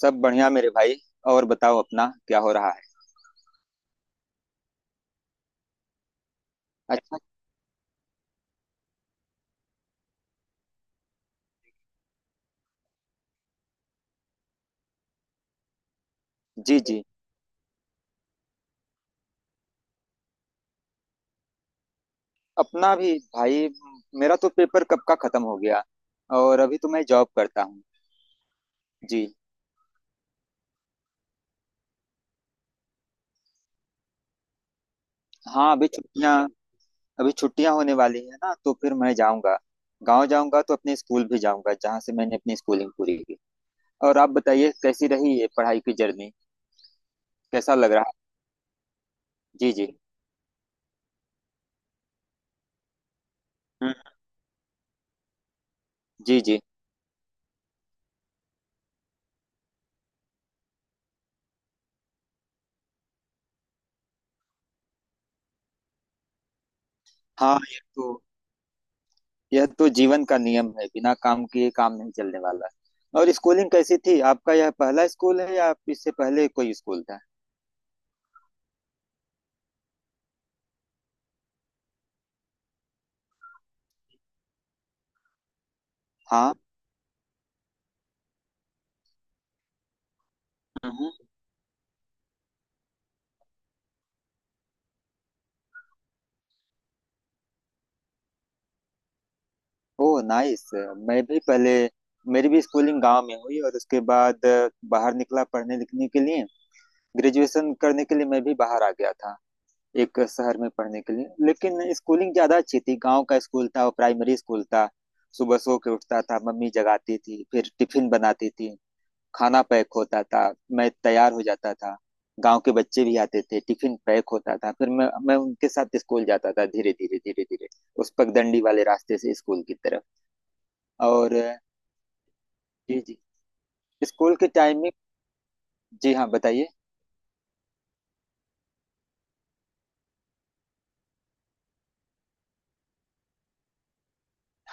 सब बढ़िया मेरे भाई। और बताओ अपना क्या हो रहा है। अच्छा। जी जी। अपना भी भाई। मेरा तो पेपर कब का खत्म हो गया और अभी तो मैं जॉब करता हूँ। जी। हाँ अभी छुट्टियाँ, अभी छुट्टियाँ होने वाली है ना तो फिर मैं जाऊँगा। गांव जाऊँगा तो अपने स्कूल भी जाऊँगा जहाँ से मैंने अपनी स्कूलिंग पूरी की। और आप बताइए कैसी रही ये पढ़ाई की जर्नी, कैसा लग रहा। जी जी। हम्म। जी जी। हाँ ये तो, यह तो जीवन का नियम है, बिना काम किए काम नहीं चलने वाला। और स्कूलिंग कैसी थी आपका? यह पहला स्कूल है या इससे पहले कोई स्कूल था? हाँ। हम्म। Oh nice. मैं भी पहले, मेरी भी स्कूलिंग गांव में हुई और उसके बाद बाहर निकला पढ़ने लिखने के लिए। ग्रेजुएशन करने के लिए मैं भी बाहर आ गया था, एक शहर में पढ़ने के लिए। लेकिन स्कूलिंग ज़्यादा अच्छी थी, गांव का स्कूल था और प्राइमरी स्कूल था। सुबह सो के उठता था, मम्मी जगाती थी, फिर टिफिन बनाती थी, खाना पैक होता था, मैं तैयार हो जाता था। गांव के बच्चे भी आते थे, टिफिन पैक होता था, फिर मैं उनके साथ स्कूल जाता था, धीरे धीरे धीरे धीरे उस पगडंडी वाले रास्ते से स्कूल की तरफ। और, जी जी, स्कूल के टाइम में। जी हाँ बताइए।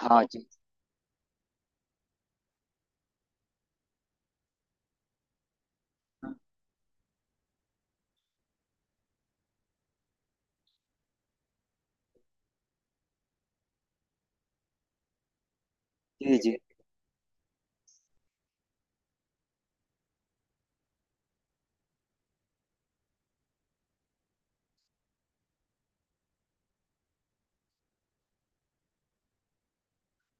हाँ जी। हाँ। जी जी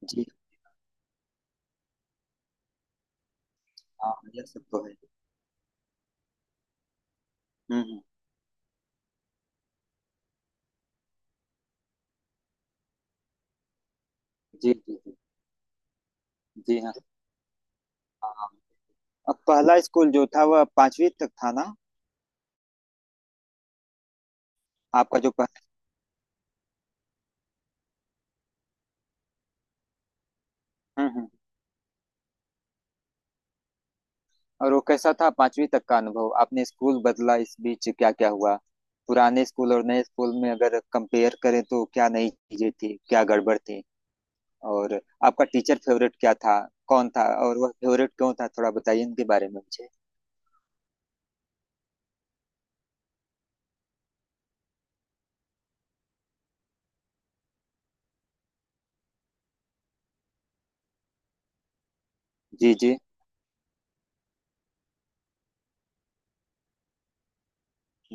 जी। हाँ यह सब तो है। हम्म। जी जी जी जी। हाँ हाँ हाँ। अब पहला स्कूल जो था वह पांचवी तक था ना? आपका जो पहला। हम्म। और वो कैसा था पांचवी तक का अनुभव? आपने स्कूल बदला, इस बीच क्या क्या हुआ? पुराने स्कूल और नए स्कूल में अगर कंपेयर करें तो क्या नई चीजें थी, क्या गड़बड़ थी? और आपका टीचर फेवरेट क्या था, कौन था और वह फेवरेट क्यों था, थोड़ा बताइए इनके बारे में मुझे। जी जी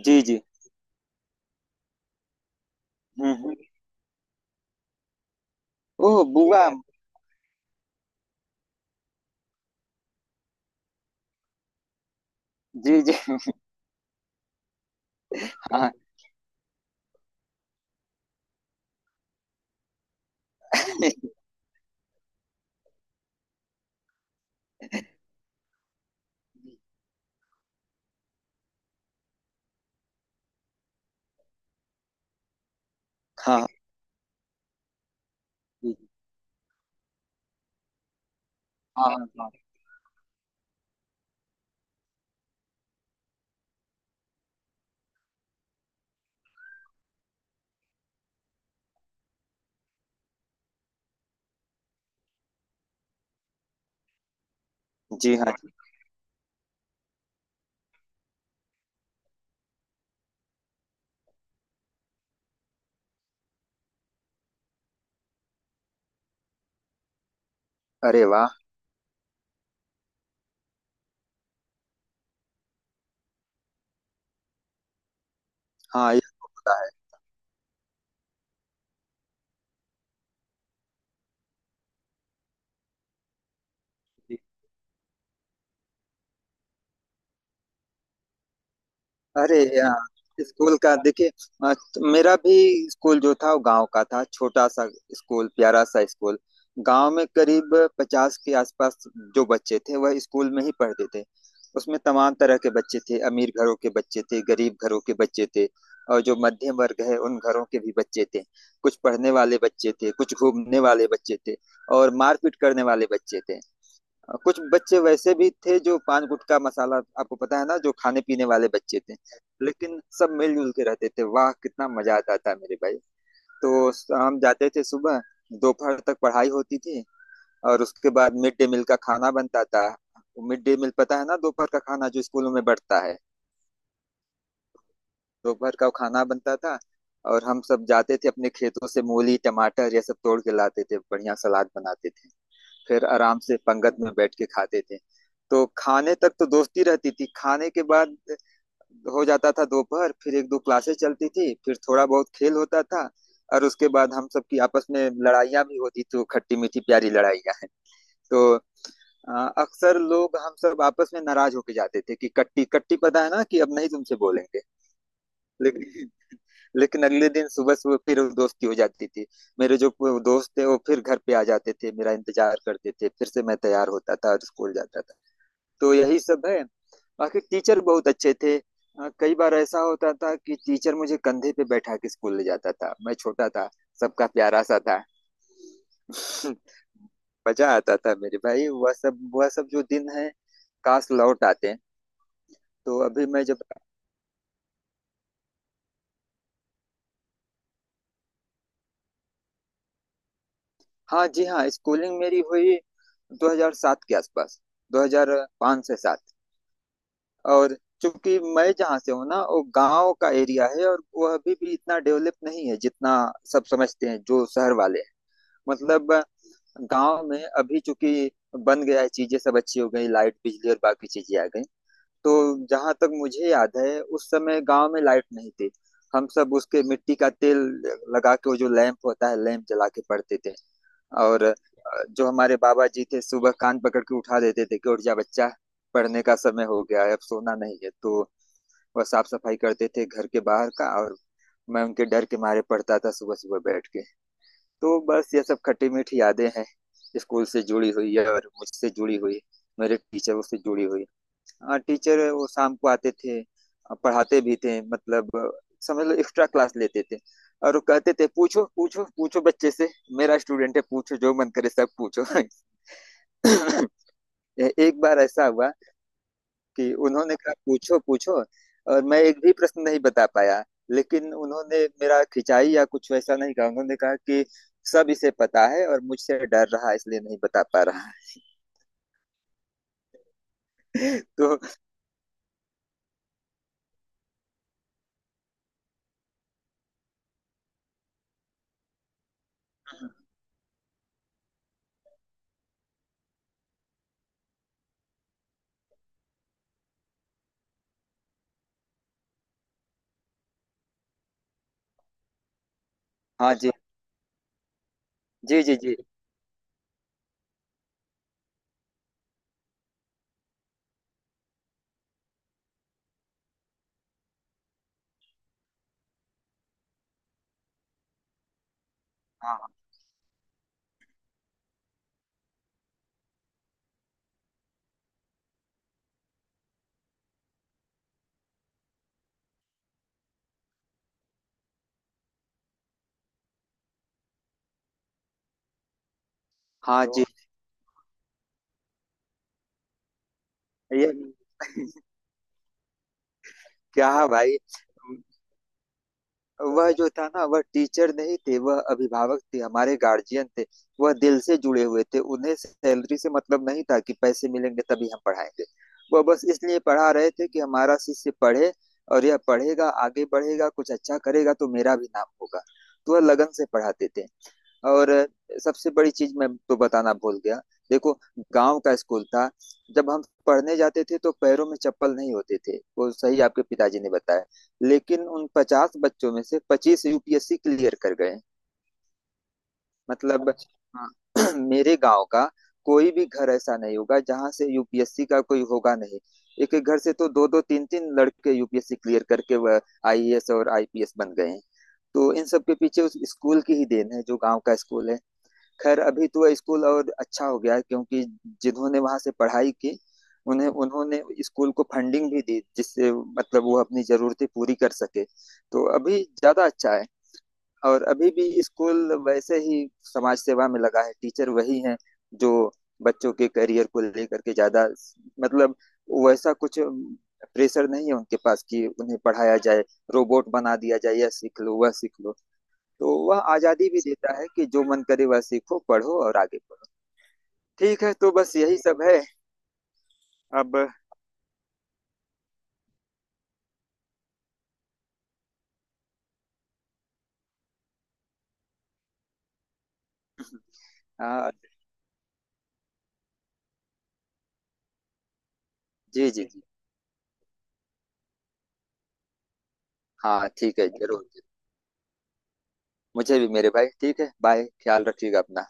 जी जी। हम्म हम्म। ओह बुआ। जी जी हाँ। हाँ हाँ हाँ। जी हाँ जी। अरे वाह। हाँ ये तो होता है। अरे यार स्कूल का देखिए। अ, मेरा भी, स्कूल जो था वो गांव का था, छोटा सा स्कूल, प्यारा सा स्कूल। गांव में करीब 50 के आसपास जो बच्चे थे वह स्कूल में ही पढ़ते थे। उसमें तमाम तरह के बच्चे थे, अमीर घरों के बच्चे थे, गरीब घरों के बच्चे थे, और जो मध्यम वर्ग है उन घरों के भी बच्चे थे। कुछ पढ़ने वाले बच्चे थे, कुछ घूमने वाले बच्चे थे और मारपीट करने वाले बच्चे थे। कुछ बच्चे वैसे भी थे जो पान गुटखा मसाला, आपको पता है ना, जो खाने पीने वाले बच्चे थे। लेकिन सब मिलजुल के रहते थे। वाह कितना मजा आता था मेरे भाई। तो हम जाते थे सुबह, दोपहर तक पढ़ाई होती थी और उसके बाद मिड डे मील का खाना बनता था। मिड डे मील पता है ना, दोपहर का खाना जो स्कूलों में बढ़ता है। दोपहर का खाना बनता था, और हम सब जाते थे अपने खेतों से मूली टमाटर ये सब तोड़ के लाते थे, बढ़िया सलाद बनाते थे, फिर आराम से पंगत में बैठ के खाते थे। तो खाने तक तो दोस्ती रहती थी। खाने के बाद हो जाता था दोपहर, फिर एक दो क्लासेस चलती थी, फिर थोड़ा बहुत खेल होता था और उसके बाद हम सबकी आपस में लड़ाइयाँ भी होती थी, वो खट्टी मीठी प्यारी लड़ाइयाँ हैं। तो अ, अक्सर लोग हम सब आपस में नाराज होके जाते थे कि कट्टी कट्टी, पता है ना, कि अब नहीं तुमसे बोलेंगे। लेकिन, अगले दिन सुबह सुबह फिर वो दोस्ती हो जाती थी। मेरे जो दोस्त थे वो फिर घर पे आ जाते थे, मेरा इंतजार करते थे, फिर से मैं तैयार होता था और स्कूल जाता था। तो यही सब है। बाकी टीचर बहुत अच्छे थे। कई बार ऐसा होता था कि टीचर मुझे कंधे पे बैठा के स्कूल ले जाता था, मैं छोटा था, सबका प्यारा सा था। मजा आता था मेरे भाई, वह सब, वह सब जो दिन है, काश लौट आते। तो अभी मैं जब, हाँ जी हाँ, स्कूलिंग मेरी हुई 2007 के आसपास, 2005 से सात। और चूंकि मैं जहाँ से हूँ ना वो गांव का एरिया है और वह अभी भी इतना डेवलप नहीं है जितना सब समझते हैं जो शहर वाले हैं। मतलब गांव में अभी चूंकि बन गया है, चीजें सब अच्छी हो गई, लाइट बिजली और बाकी चीजें आ गई, तो जहाँ तक मुझे याद है उस समय गांव में लाइट नहीं थी। हम सब उसके मिट्टी का तेल लगा के वो जो लैंप होता है, लैंप जला के पढ़ते थे। और जो हमारे बाबा जी थे सुबह कान पकड़ के उठा देते थे कि उठ जा बच्चा, पढ़ने का समय हो गया है अब सोना नहीं है। तो वह साफ सफाई करते थे घर के बाहर का, और मैं उनके डर के मारे पढ़ता था सुबह सुबह बैठ के। तो बस ये सब खट्टी मीठी यादें हैं स्कूल से जुड़ी हुई है और मुझसे जुड़ी हुई, मेरे टीचरों से जुड़ी हुई। हाँ टीचर वो शाम को आते थे, पढ़ाते भी थे, मतलब समझ लो एक्स्ट्रा क्लास लेते थे, और वो कहते थे पूछो पूछो पूछो बच्चे से, मेरा स्टूडेंट है, पूछो जो मन करे सब पूछो। एक बार ऐसा हुआ कि उन्होंने कहा पूछो पूछो और मैं एक भी प्रश्न नहीं बता पाया। लेकिन उन्होंने मेरा खिंचाई या कुछ वैसा नहीं कहा, उन्होंने कहा कि सब इसे पता है और मुझसे डर रहा है, इसलिए नहीं बता पा रहा है। तो। हाँ जी जी जी जी। हाँ हाँ जी। ये क्या भाई। वह जो था ना, वह टीचर नहीं थे, वह अभिभावक थे, हमारे गार्जियन थे, वह दिल से जुड़े हुए थे। उन्हें सैलरी से मतलब नहीं था कि पैसे मिलेंगे तभी हम पढ़ाएंगे। वह बस इसलिए पढ़ा रहे थे कि हमारा शिष्य पढ़े, और यह पढ़ेगा आगे बढ़ेगा कुछ अच्छा करेगा तो मेरा भी नाम होगा। तो वह लगन से पढ़ाते थे। और सबसे बड़ी चीज मैं तो बताना भूल गया, देखो, गांव का स्कूल था, जब हम पढ़ने जाते थे तो पैरों में चप्पल नहीं होते थे। वो सही आपके पिताजी ने बताया। लेकिन उन 50 बच्चों में से 25 यूपीएससी क्लियर कर गए। मतलब हाँ, मेरे गांव का कोई भी घर ऐसा नहीं होगा जहां से यूपीएससी का कोई होगा नहीं। एक एक घर से तो दो दो तीन तीन लड़के यूपीएससी क्लियर करके वह आईएएस और आईपीएस बन गए हैं। तो इन सब के पीछे उस स्कूल की ही देन है जो गांव का स्कूल है। खैर अभी तो स्कूल और अच्छा हो गया है, क्योंकि जिन्होंने वहां से पढ़ाई की उन्हें, उन्होंने स्कूल को फंडिंग भी दी, जिससे मतलब वो अपनी जरूरतें पूरी कर सके। तो अभी ज्यादा अच्छा है। और अभी भी स्कूल वैसे ही समाज सेवा में लगा है, टीचर वही हैं जो बच्चों के करियर को लेकर के ज्यादा, मतलब वैसा कुछ प्रेशर नहीं है उनके पास कि उन्हें पढ़ाया जाए, रोबोट बना दिया जाए, यह सीख लो वह सीख लो। तो वह आजादी भी देता है कि जो मन करे वह सीखो पढ़ो और आगे बढ़ो। ठीक है तो बस यही सब है। अब, आ, जी जी जी। हाँ ठीक है जरूर जरूर। मुझे भी मेरे भाई, ठीक है, बाय, ख्याल रखिएगा अपना।